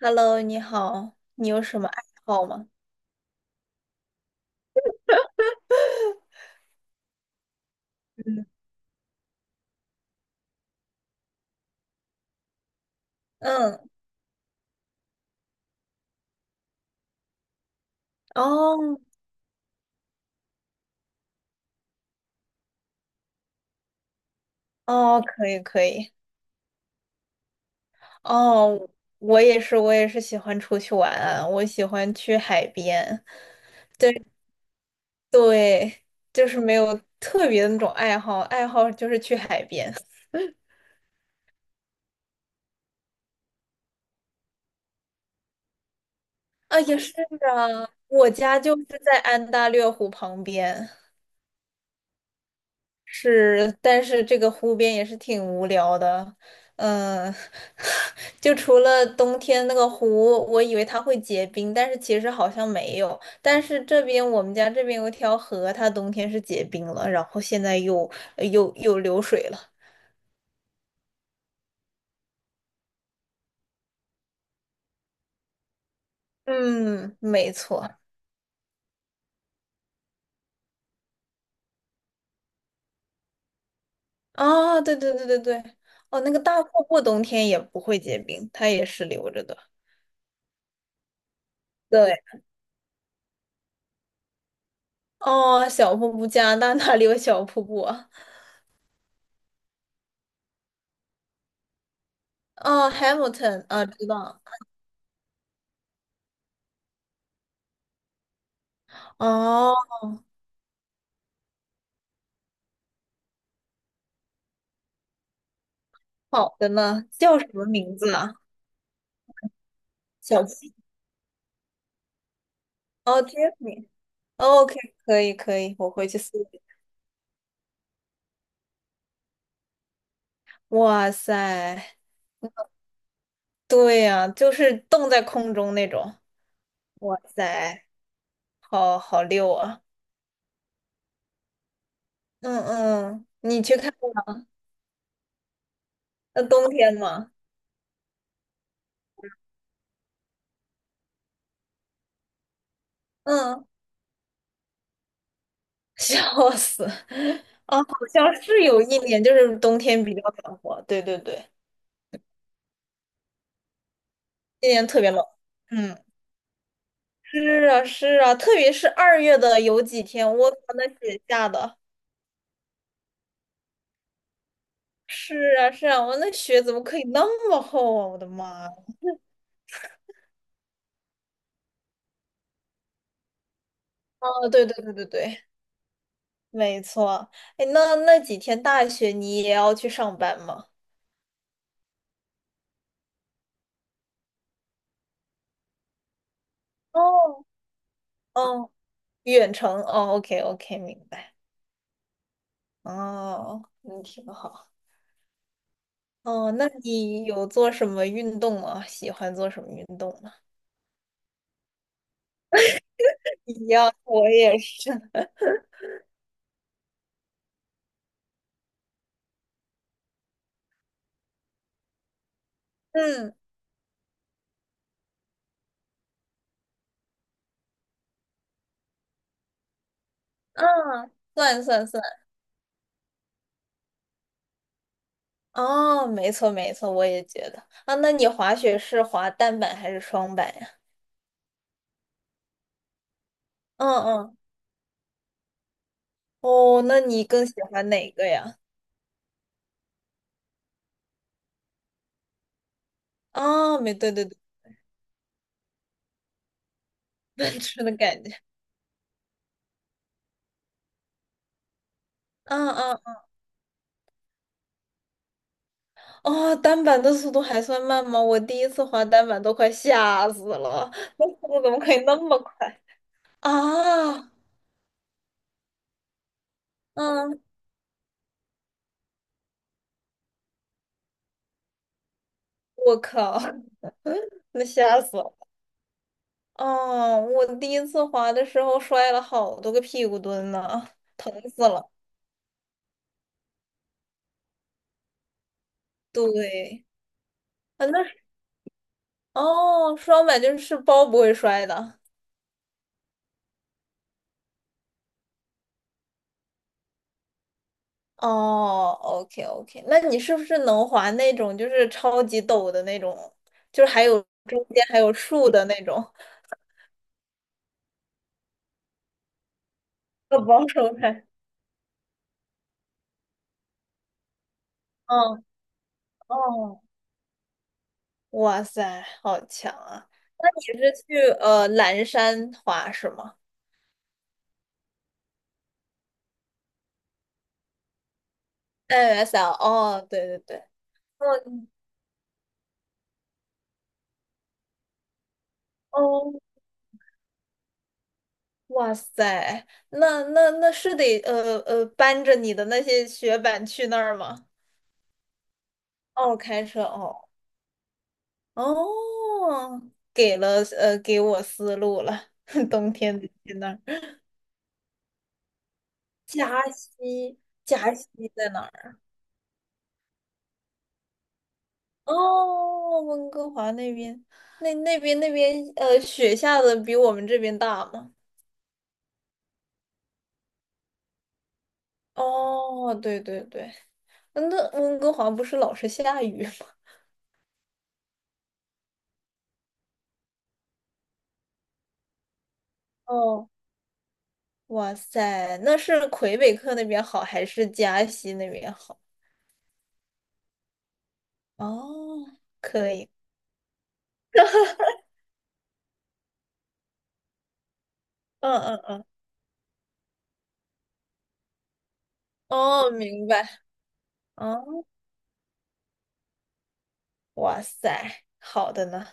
Hello，你好，你有什么爱好吗？嗯嗯哦哦，可以可以，哦，我也是，我也是喜欢出去玩啊我喜欢去海边，对，就是没有特别的那种爱好，爱好就是去海边啊，也是啊，我家就是在安大略湖旁边，是，但是这个湖边也是挺无聊的，嗯，就除了冬天那个湖，我以为它会结冰，但是其实好像没有。但是这边我们家这边有一条河，它冬天是结冰了，然后现在又流水了。嗯，没错。啊，对对对对对，哦，那个大瀑布冬天也不会结冰，它也是流着的。对，哦，小瀑布，加拿大哪里有小瀑布啊？哦，Hamilton 啊，知道。哦，好的呢，叫什么名字啊？小七。哦杰 e f f r o k 可以可以，我回去搜一下。哇塞，对呀、就是冻在空中那种。哇塞，好好溜啊！嗯嗯，你去看过吗？那冬天吗？嗯，笑死。啊，好像是有一年，就是冬天比较暖和。对对对，今年特别冷。嗯，是啊是啊，特别是2月的有几天，我靠，那雪下的。是啊，是啊，我那雪怎么可以那么厚啊！我的妈啊！哦，对对对对对，没错。哎，那几天大雪你也要去上班吗？哦，哦，远程哦，OK OK，明白。哦，那挺好。哦，那你有做什么运动吗？喜欢做什么运动吗？一样，我也是。嗯嗯，算算算。哦，没错没错，我也觉得。啊，那你滑雪是滑单板还是双板呀？嗯嗯。哦，那你更喜欢哪个呀？啊，没，对对对，奔驰的感觉。嗯嗯，哦，单板的速度还算慢吗？我第一次滑单板都快吓死了，那速度怎么可以那么快啊？嗯，我靠，那吓死了。哦，我第一次滑的时候摔了好多个屁股墩呢，疼死了。对，啊，那是哦，双板就是包不会摔的。哦，OK OK，那你是不是能滑那种就是超级陡的那种，就是还有中间还有树的那种？要保守派。嗯，哦，哇塞，好强啊！那你是去蓝山滑是吗？NSL，哦，对对对，哦哦，哇塞，那是得搬着你的那些雪板去那儿吗？哦，开车，哦哦，给给我思路了。冬天得去那儿，加西，加西在哪儿？哦，温哥华那边，那那边，雪下的比我们这边大吗？哦，对对对，那温哥华不是老是下雨吗？哦，哇塞，那是魁北克那边好还是加西那边好？哦，可以，嗯嗯嗯，哦，明白。哦，哇塞，好的呢。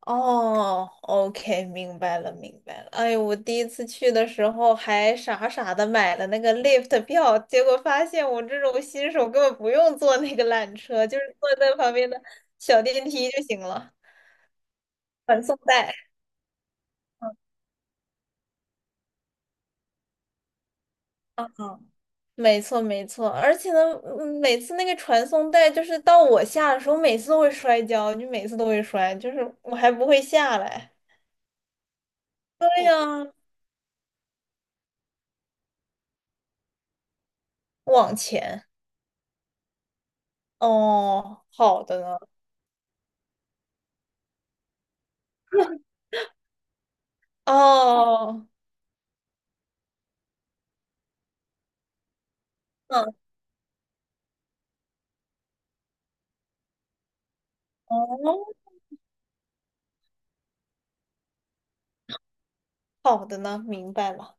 哦，OK，明白了，明白了。哎，我第一次去的时候还傻傻的买了那个 lift 票，结果发现我这种新手根本不用坐那个缆车，就是坐在旁边的小电梯就行了，传送带。嗯嗯，嗯，没错没错，而且呢，每次那个传送带就是到我下的时候，每次都会摔跤，就每次都会摔，就是我还不会下来。对呀，往前。哦，好的呢。哦，嗯，哦，好的呢，明白了，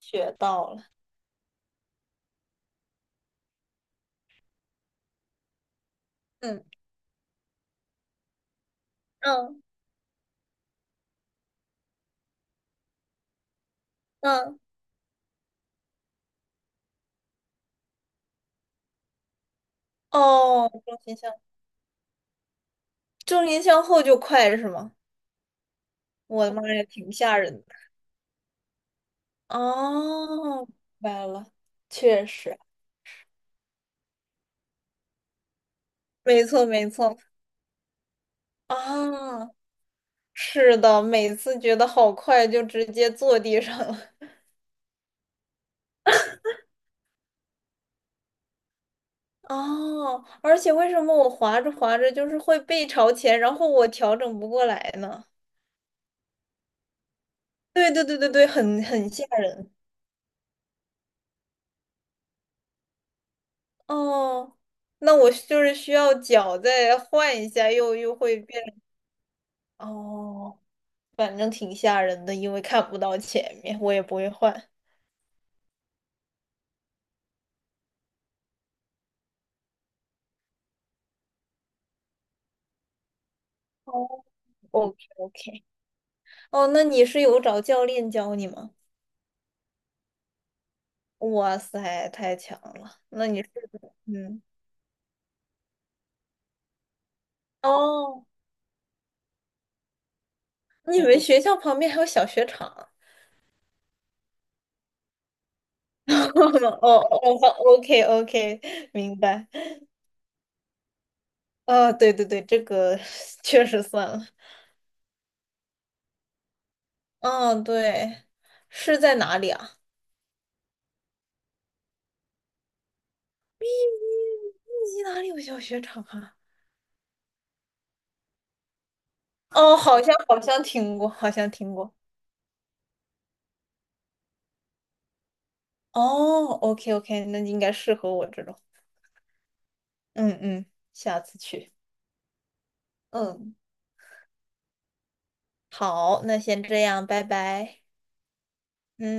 学到了。嗯嗯嗯，哦，重心向后就快是吗？我的妈呀，挺吓人的。哦，明白了，确实，没错没错。啊，是的，每次觉得好快，就直接坐地上了。哦，而且为什么我滑着滑着就是会背朝前，然后我调整不过来呢？对对对对对，很吓人哦。那我就是需要脚再换一下，又会变哦，反正挺吓人的，因为看不到前面，我也不会换。哦，OK OK，哦，那你是有找教练教你吗？哇塞，太强了！那你是嗯，哦，你们学校旁边还有小雪场啊 哦哦哦，OK OK，明白。啊，对对对，这个 确实算了。嗯，对，是在哪里啊？密密集哪里有小雪场啊？哦，好像听过，好像听过。哦，OK OK，那应该适合我这种。嗯嗯，下次去。嗯，好，那先这样，拜拜。嗯。